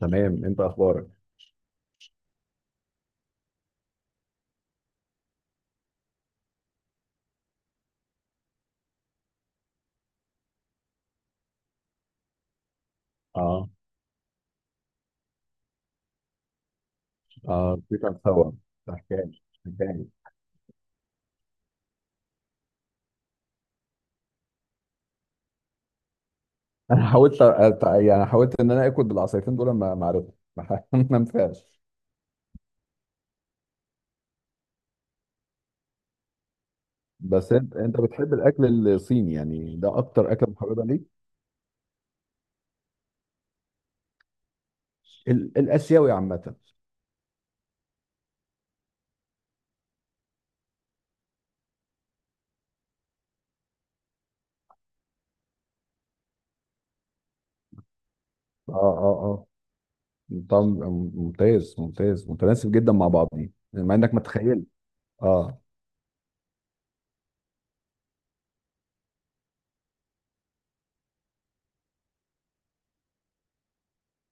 تمام، انت اخبارك؟ اه اه كيف هتصور؟ حكايه حكايه. انا يعني حاولت ان انا اكل بالعصايتين دول، ما عرفتش. ما ما نفعش. بس انت بتحب الاكل الصيني؟ يعني ده اكتر اكل محببه ليك؟ الاسيوي عامه. اه اه اه. طب ممتاز، ممتاز، متناسب جدا مع بعضين، مع انك متخيل. اه.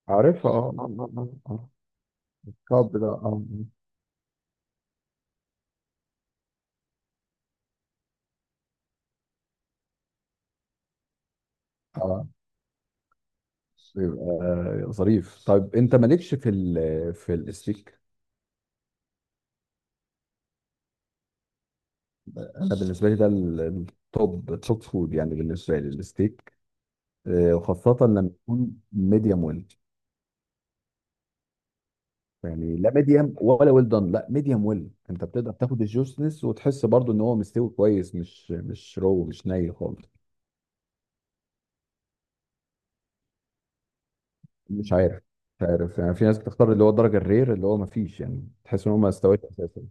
عارف، آه. طب ده اه. اه، آه. يبقى ظريف. طيب انت مالكش في ال في الستيك؟ انا بالنسبه لي ده التوب، التوب فود يعني بالنسبه لي الستيك. آه، وخاصه لما يكون ميديوم ويل. يعني لا ميديوم ولا ويل دان، لا ميديوم ويل. انت بتقدر تاخد الجوسنس وتحس برضو ان هو مستوي كويس، مش رو، مش ني خالص. مش عارف مش عارف. يعني في ناس بتختار اللي هو الدرجه الرير، اللي هو ما فيش يعني، تحس ان هو ما استواش اساسا.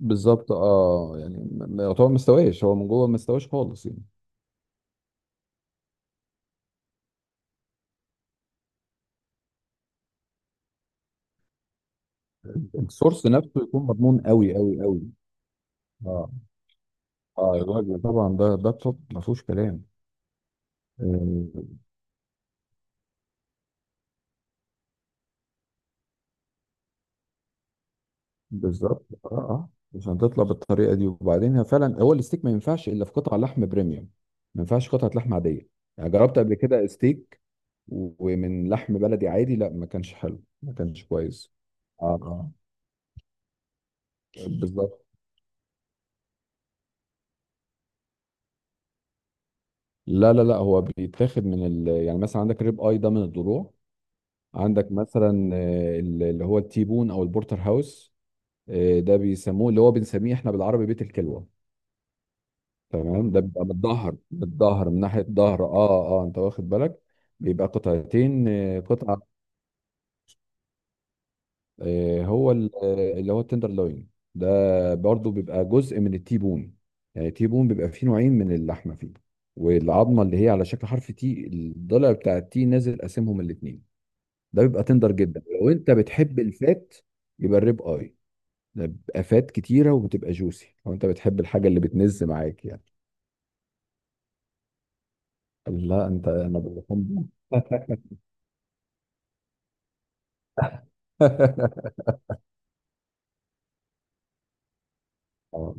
بالظبط. اه يعني يعتبر ما استواش هو من جوه، ما استواش خالص يعني. السورس نفسه يكون مضمون، قوي قوي قوي. اه اه. الوجبه طبعا ده، ده التوب ما فيهوش كلام. آه، بالظبط. اه اه، عشان تطلع بالطريقه دي. وبعدين هي فعلا، هو الستيك ما ينفعش الا في قطع لحم بريميوم، ما ينفعش قطعه لحم عاديه. يعني جربت قبل كده ستيك ومن لحم بلدي عادي، لا ما كانش حلو، ما كانش كويس. اه اه. بالظبط. لا لا لا، هو بيتاخد من ال... يعني مثلا عندك الريب اي، ده من الضلوع. عندك مثلا آه، اللي هو التيبون او البورتر هاوس. آه، ده بيسموه اللي هو بنسميه احنا بالعربي بيت الكلوه. تمام. ده بيبقى بالظهر، بالظهر من ناحية الظهر، اه اه انت واخد بالك. بيبقى قطعتين، آه، قطعة آه، هو آه، اللي هو التندر لوين. ده برضو بيبقى جزء من التيبون. يعني التيبون بيبقى فيه نوعين من اللحمة فيه، والعظمة اللي هي على شكل حرف تي، الضلع بتاع التي نازل قاسمهم الاتنين. ده بيبقى تندر جدا. لو انت بتحب الفات يبقى الريب اي، ده بيبقى فات كتيرة وبتبقى جوسي، لو انت بتحب الحاجة اللي بتنز معاك يعني. لا انا باللحوم. اه،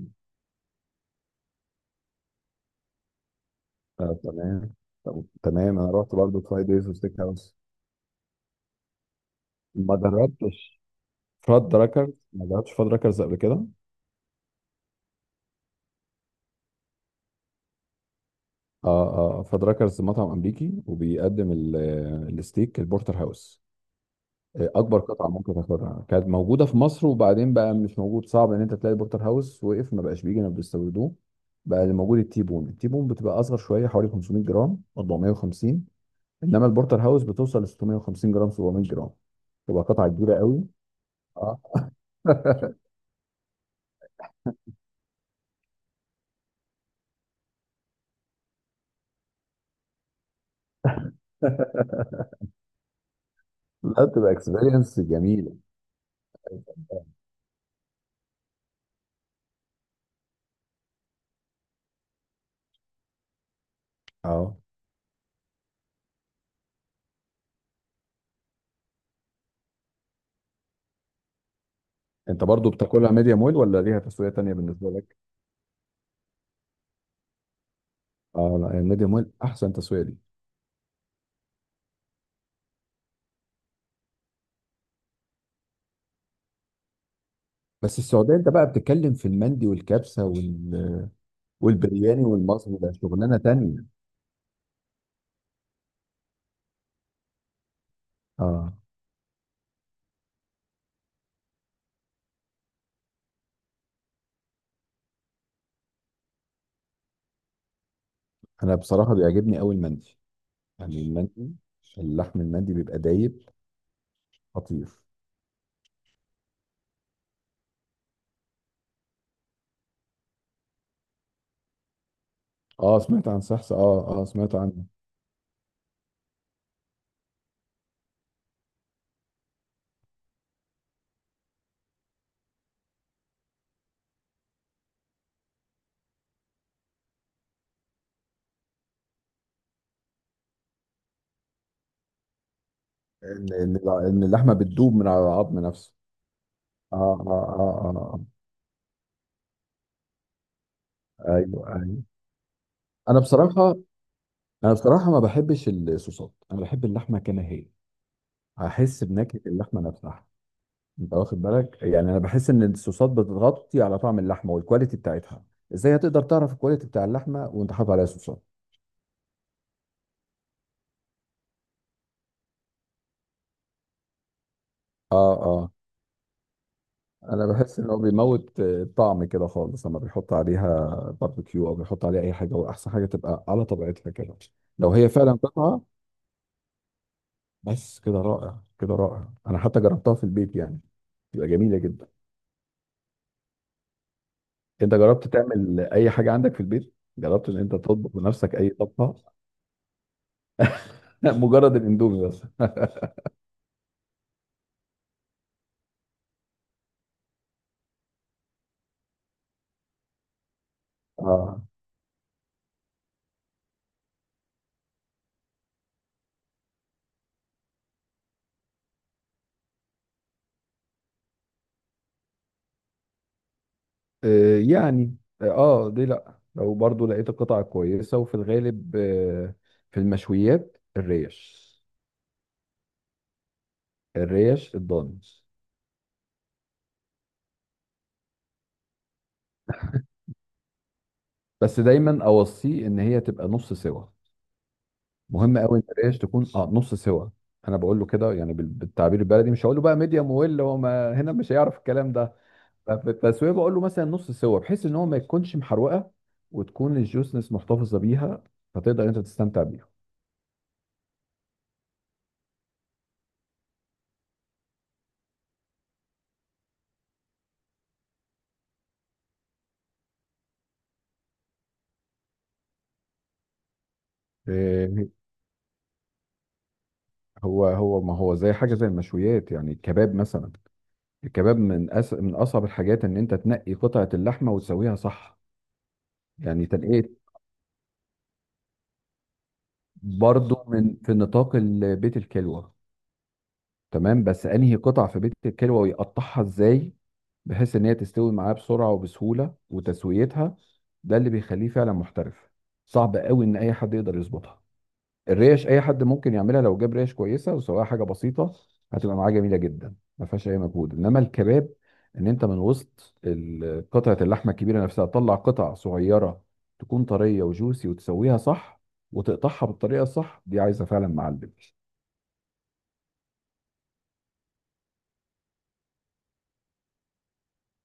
آه، تمام. تمام انا رحت برضو فايف دايز وستيك هاوس. ما جربتش فاد راكرز، ما جربتش فاد راكرز قبل كده. اه اه، فاد راكرز مطعم امريكي وبيقدم آه، الستيك البورتر هاوس. آه، اكبر قطعه ممكن تاخدها كانت موجوده في مصر، وبعدين بقى مش موجود، صعب ان انت تلاقي البورتر هاوس، وقف ما بقاش بيجي، ما بيستوردوه. بقى اللي موجود التيبون، التيبون بتبقى اصغر شويه، حوالي 500 جرام، 450. انما البورتر هاوس بتوصل ل 650 جرام، 700 جرام. تبقى قطعه كبيره قوي. اه. لا، بتبقى اكسبيرينس جميله. اه انت برضو بتاكلها ميديم ويل ولا ليها تسويه تانية بالنسبه لك؟ اه لا، الميديم ويل احسن تسويه دي. بس السعوديه انت بقى بتتكلم في المندي والكبسه وال... والبرياني والمصري، ده شغلانه تانية. اه. انا بصراحه بيعجبني قوي المندي، يعني المندي، اللحم المندي بيبقى دايب، خطير. اه، سمعت عن سحسه، اه اه سمعت عنه. ان إن اللحمه بتدوب من على العظم نفسه. اه اه اه اه آه. ايوه ايوه. انا بصراحه انا بصراحه ما بحبش الصوصات، انا بحب اللحمه كما هي، هحس بنكهه اللحمه نفسها. انت واخد بالك؟ يعني انا بحس ان الصوصات بتغطي على طعم اللحمه والكواليتي بتاعتها. ازاي هتقدر تعرف الكواليتي بتاع اللحمه وانت حاطط عليها صوصات؟ اه اه. انا بحس ان هو بيموت آه، الطعم كده خالص لما بيحط عليها باربيكيو او بيحط عليها اي حاجه. واحسن حاجه تبقى على طبيعتها كده، لو هي فعلا قطعه. بس كده رائع، كده رائع. انا حتى جربتها في البيت يعني، بتبقى جميله جدا. انت جربت تعمل اي حاجه عندك في البيت؟ جربت ان انت تطبخ بنفسك اي طبخه؟ لا، مجرد الاندومي بس. اه، آه، يعني اه دي، لا لو برضو لقيت القطعة كويسة وفي الغالب آه، في المشويات الريش، الريش الضاني. بس دايما اوصيه ان هي تبقى نص سوا، مهم قوي ان الريش تكون اه نص سوا. انا بقول له كده يعني بالتعبير البلدي، مش هقول له بقى ميديم ويل، هو ما هنا مش هيعرف الكلام ده. ففي التسويه بقول له مثلا نص سوا، بحيث ان هو ما يكونش محروقه وتكون الجوسنس محتفظه بيها فتقدر انت تستمتع بيها. إيه، هو ما هو زي حاجه زي المشويات يعني، الكباب مثلا. الكباب من من اصعب الحاجات ان انت تنقي قطعه اللحمه وتسويها صح. يعني تنقيه برضه من، في نطاق بيت الكلوه. تمام، بس انهي قطع في بيت الكلوة ويقطعها ازاي بحيث ان هي تستوي معاه بسرعة وبسهولة وتسويتها. ده اللي بيخليه فعلا محترف. صعب قوي ان اي حد يقدر يظبطها. الريش اي حد ممكن يعملها، لو جاب ريش كويسة وسواها حاجة بسيطة هتبقى معاه جميلة جدا، ما فيهاش اي مجهود. انما الكباب، ان انت من وسط قطعة اللحمة الكبيرة نفسها تطلع قطع صغيرة تكون طرية وجوسي وتسويها صح، وتقطعها بالطريقة الصح، دي عايزة فعلا معلم.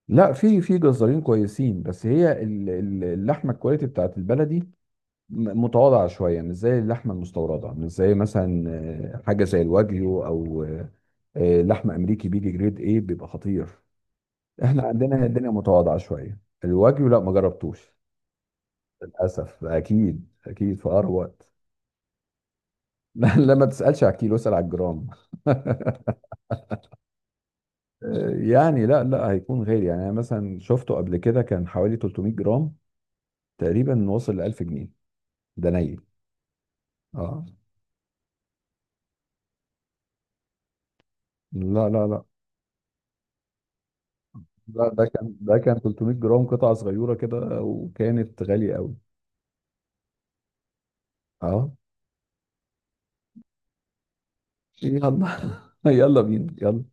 لا، في في جزارين كويسين، بس هي اللحمه الكواليتي بتاعت البلدي متواضعه شويه، مش زي اللحمه المستورده، مش زي مثلا آه، حاجه زي الواجيو او آه، آه، لحم امريكي بيجي جريد ايه، بيبقى خطير. احنا عندنا هنا الدنيا متواضعه شويه. الواجيو لا ما جربتوش، للاسف. اكيد اكيد في اقرب وقت. لا لا، ما تسالش على الكيلو، اسال على الجرام. آه، يعني لا لا هيكون غالي. يعني انا مثلا شفته قبل كده، كان حوالي 300 جرام تقريبا، وصل ل 1000 جنيه. ده ني. اه. لا لا لا، ده، ده كان، ده كان 300 جرام قطعة صغيرة كده، وكانت غالية قوي. اه. يلا. يلا بينا، يلا.